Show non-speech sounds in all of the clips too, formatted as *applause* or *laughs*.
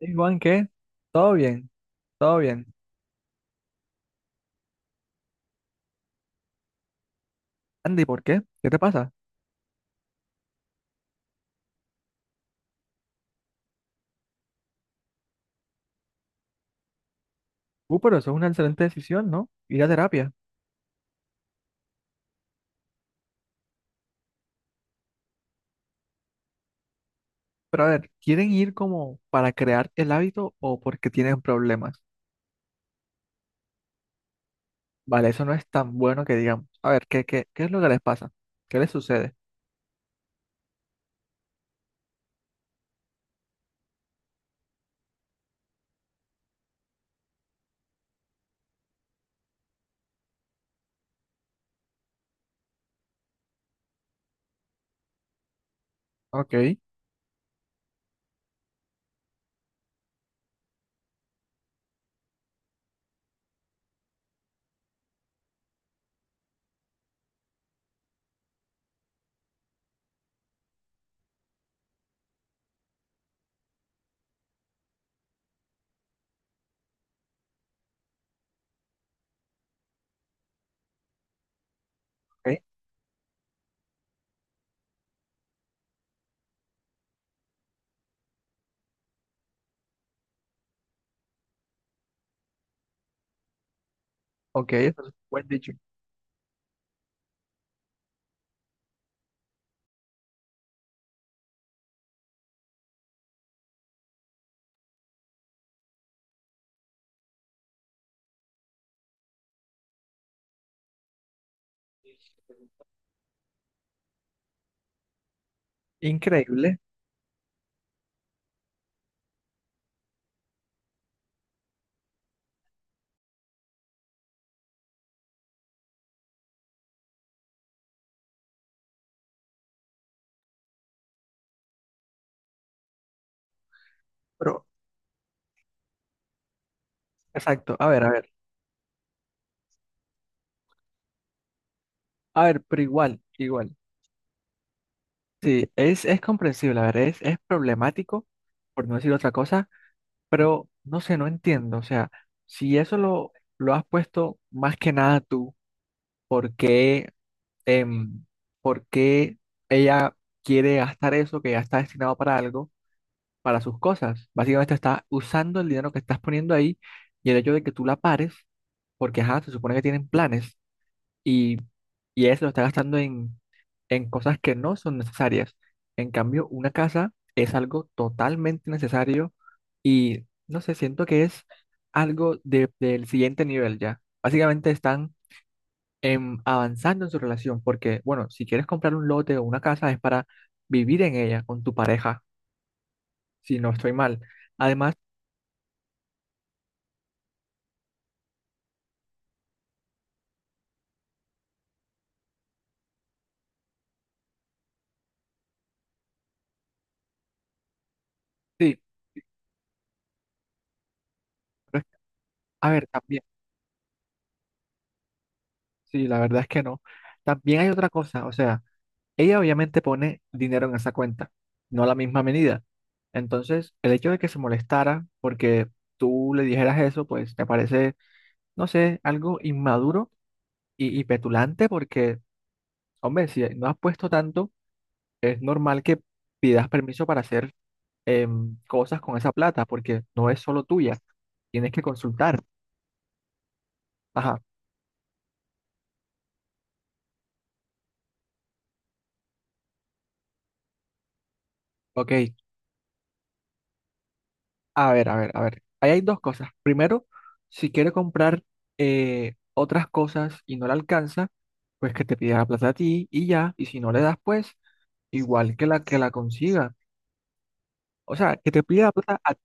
Hey, Juan, ¿qué? Todo bien, todo bien. Andy, ¿por qué? ¿Qué te pasa? Pero eso es una excelente decisión, ¿no? Ir a terapia. Pero a ver, ¿quieren ir como para crear el hábito o porque tienen problemas? Vale, eso no es tan bueno que digamos. A ver, ¿qué es lo que les pasa? ¿Qué les sucede? Ok, ok, ok, eso es buen dicho. Increíble, pero exacto. A ver, a ver, a ver, pero igual, igual. Sí, es comprensible, a ver, es problemático, por no decir otra cosa. Pero no sé, no entiendo. O sea, si eso lo has puesto más que nada tú, ¿por qué, em, por qué ella quiere gastar eso que ya está destinado para algo, para sus cosas? Básicamente está usando el dinero que estás poniendo ahí y el hecho de que tú la pares, porque ajá, se supone que tienen planes y, y ella se lo está gastando en cosas que no son necesarias. En cambio, una casa es algo totalmente necesario y no sé, siento que es del siguiente nivel ya. Básicamente están avanzando en su relación porque, bueno, si quieres comprar un lote o una casa es para vivir en ella con tu pareja, si no estoy mal. Además, sí, pero es- a ver, también, sí, la verdad es que no. También hay otra cosa, o sea. Ella obviamente pone dinero en esa cuenta, no a la misma medida. Entonces, el hecho de que se molestara porque tú le dijeras eso, pues me parece, no sé, algo inmaduro y petulante porque, hombre, si no has puesto tanto, es normal que pidas permiso para hacer cosas con esa plata porque no es solo tuya, tienes que consultar. Ajá, ok. A ver, a ver, a ver. Ahí hay dos cosas. Primero, si quiere comprar otras cosas y no le alcanza, pues que te pida la plata a ti y ya, y si no le das, pues igual que la consiga. O sea, que te pida la plata a ti.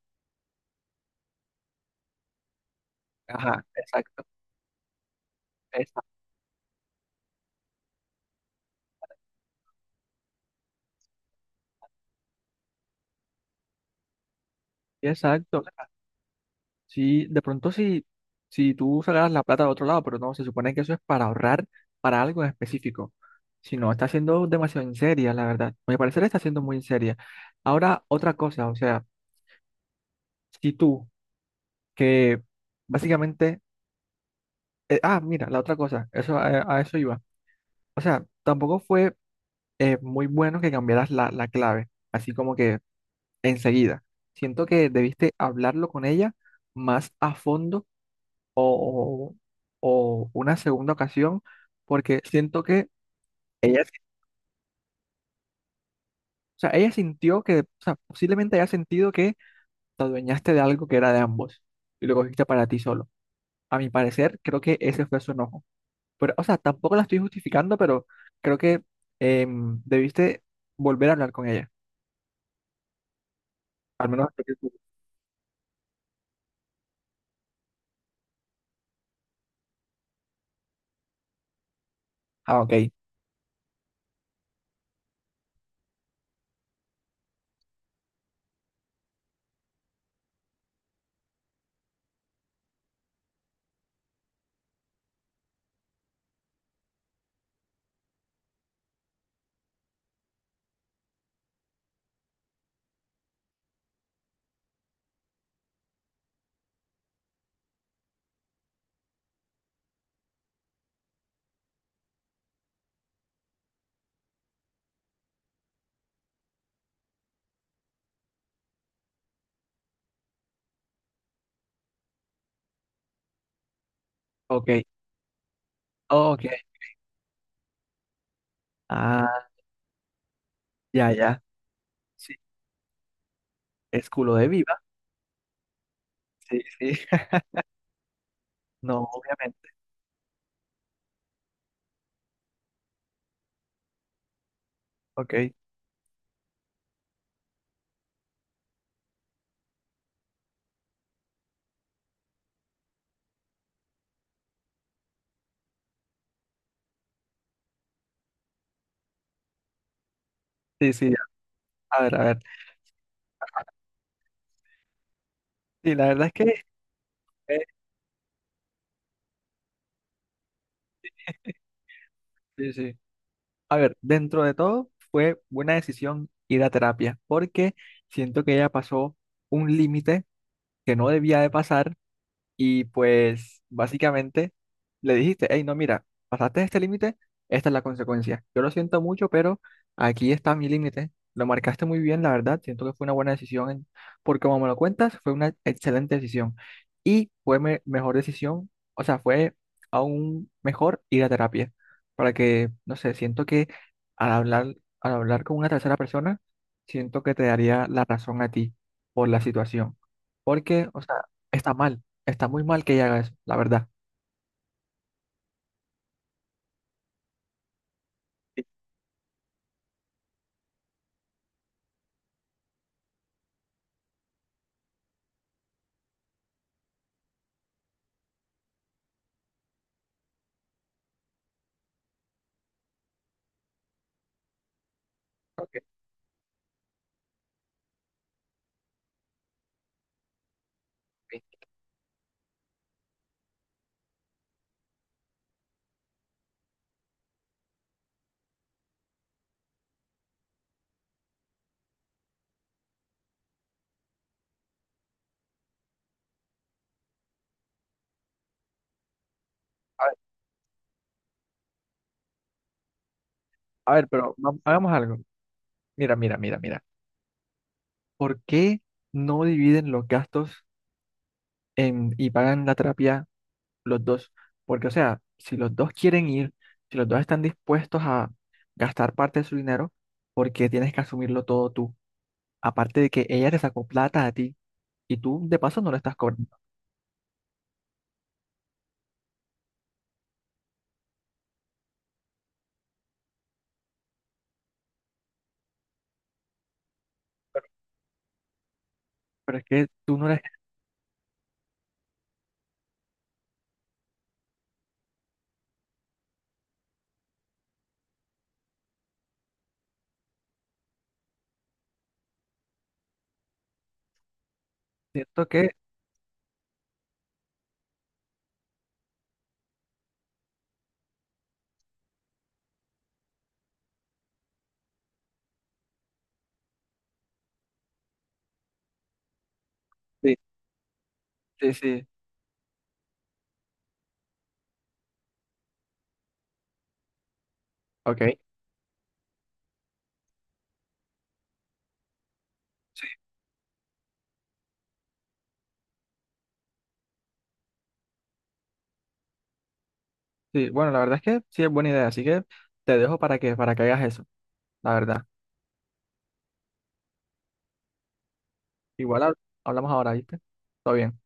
Ajá, exacto, exacto, exacto. O sea, si de pronto si, si tú sacaras la plata de otro lado, pero no, se supone que eso es para ahorrar para algo en específico. Si no, está siendo demasiado en seria, la verdad. A mi parecer está siendo muy en seria. Ahora, otra cosa, o sea, si tú, que básicamente, mira, la otra cosa, eso, a eso iba. O sea, tampoco fue muy bueno que cambiaras la clave, así como que enseguida. Siento que debiste hablarlo con ella más a fondo o, o o una segunda ocasión, porque siento que ella, o sea, ella sintió que, o sea, posiblemente haya sentido que te adueñaste de algo que era de ambos y lo cogiste para ti solo. A mi parecer, creo que ese fue su enojo. Pero, o sea, tampoco la estoy justificando, pero creo que debiste volver a hablar con ella. Al menos hasta que tú- Ah, ok. Ok, ok. Ah, ya, ya. Sí, es culo de viva. Sí, sí. *laughs* No, obviamente. Ok. Sí, sí, ya. A ver, a ver. Sí, la verdad es que, eh, sí, sí. A ver, dentro de todo, fue buena decisión ir a terapia, porque siento que ella pasó un límite que no debía de pasar. Y pues básicamente le dijiste, hey, no, mira, pasaste este límite, esta es la consecuencia. Yo lo siento mucho, pero aquí está mi límite. Lo marcaste muy bien, la verdad. Siento que fue una buena decisión, porque como me lo cuentas, fue una excelente decisión. Y fue mejor decisión, o sea, fue aún mejor ir a terapia, para que, no sé, siento que al hablar, al hablar con una tercera persona, siento que te daría la razón a ti por la situación. Porque, o sea, está mal. Está muy mal que ella haga eso, la verdad. Sí, ok, ok. A ver, hagamos algo. Mira, mira, mira, mira. ¿Por qué no dividen los gastos y pagan la terapia los dos? Porque, o sea, si los dos quieren ir, si los dos están dispuestos a gastar parte de su dinero, ¿por qué tienes que asumirlo todo tú? Aparte de que ella te sacó plata a ti y tú de paso no le estás cobrando. Pero es que tú no eres, siento que... Sí, sí, sí. Ok. Sí, bueno, la verdad es que sí es buena idea, así que te dejo para que hagas eso. La verdad. Igual hablamos ahora, ¿viste? Todo bien.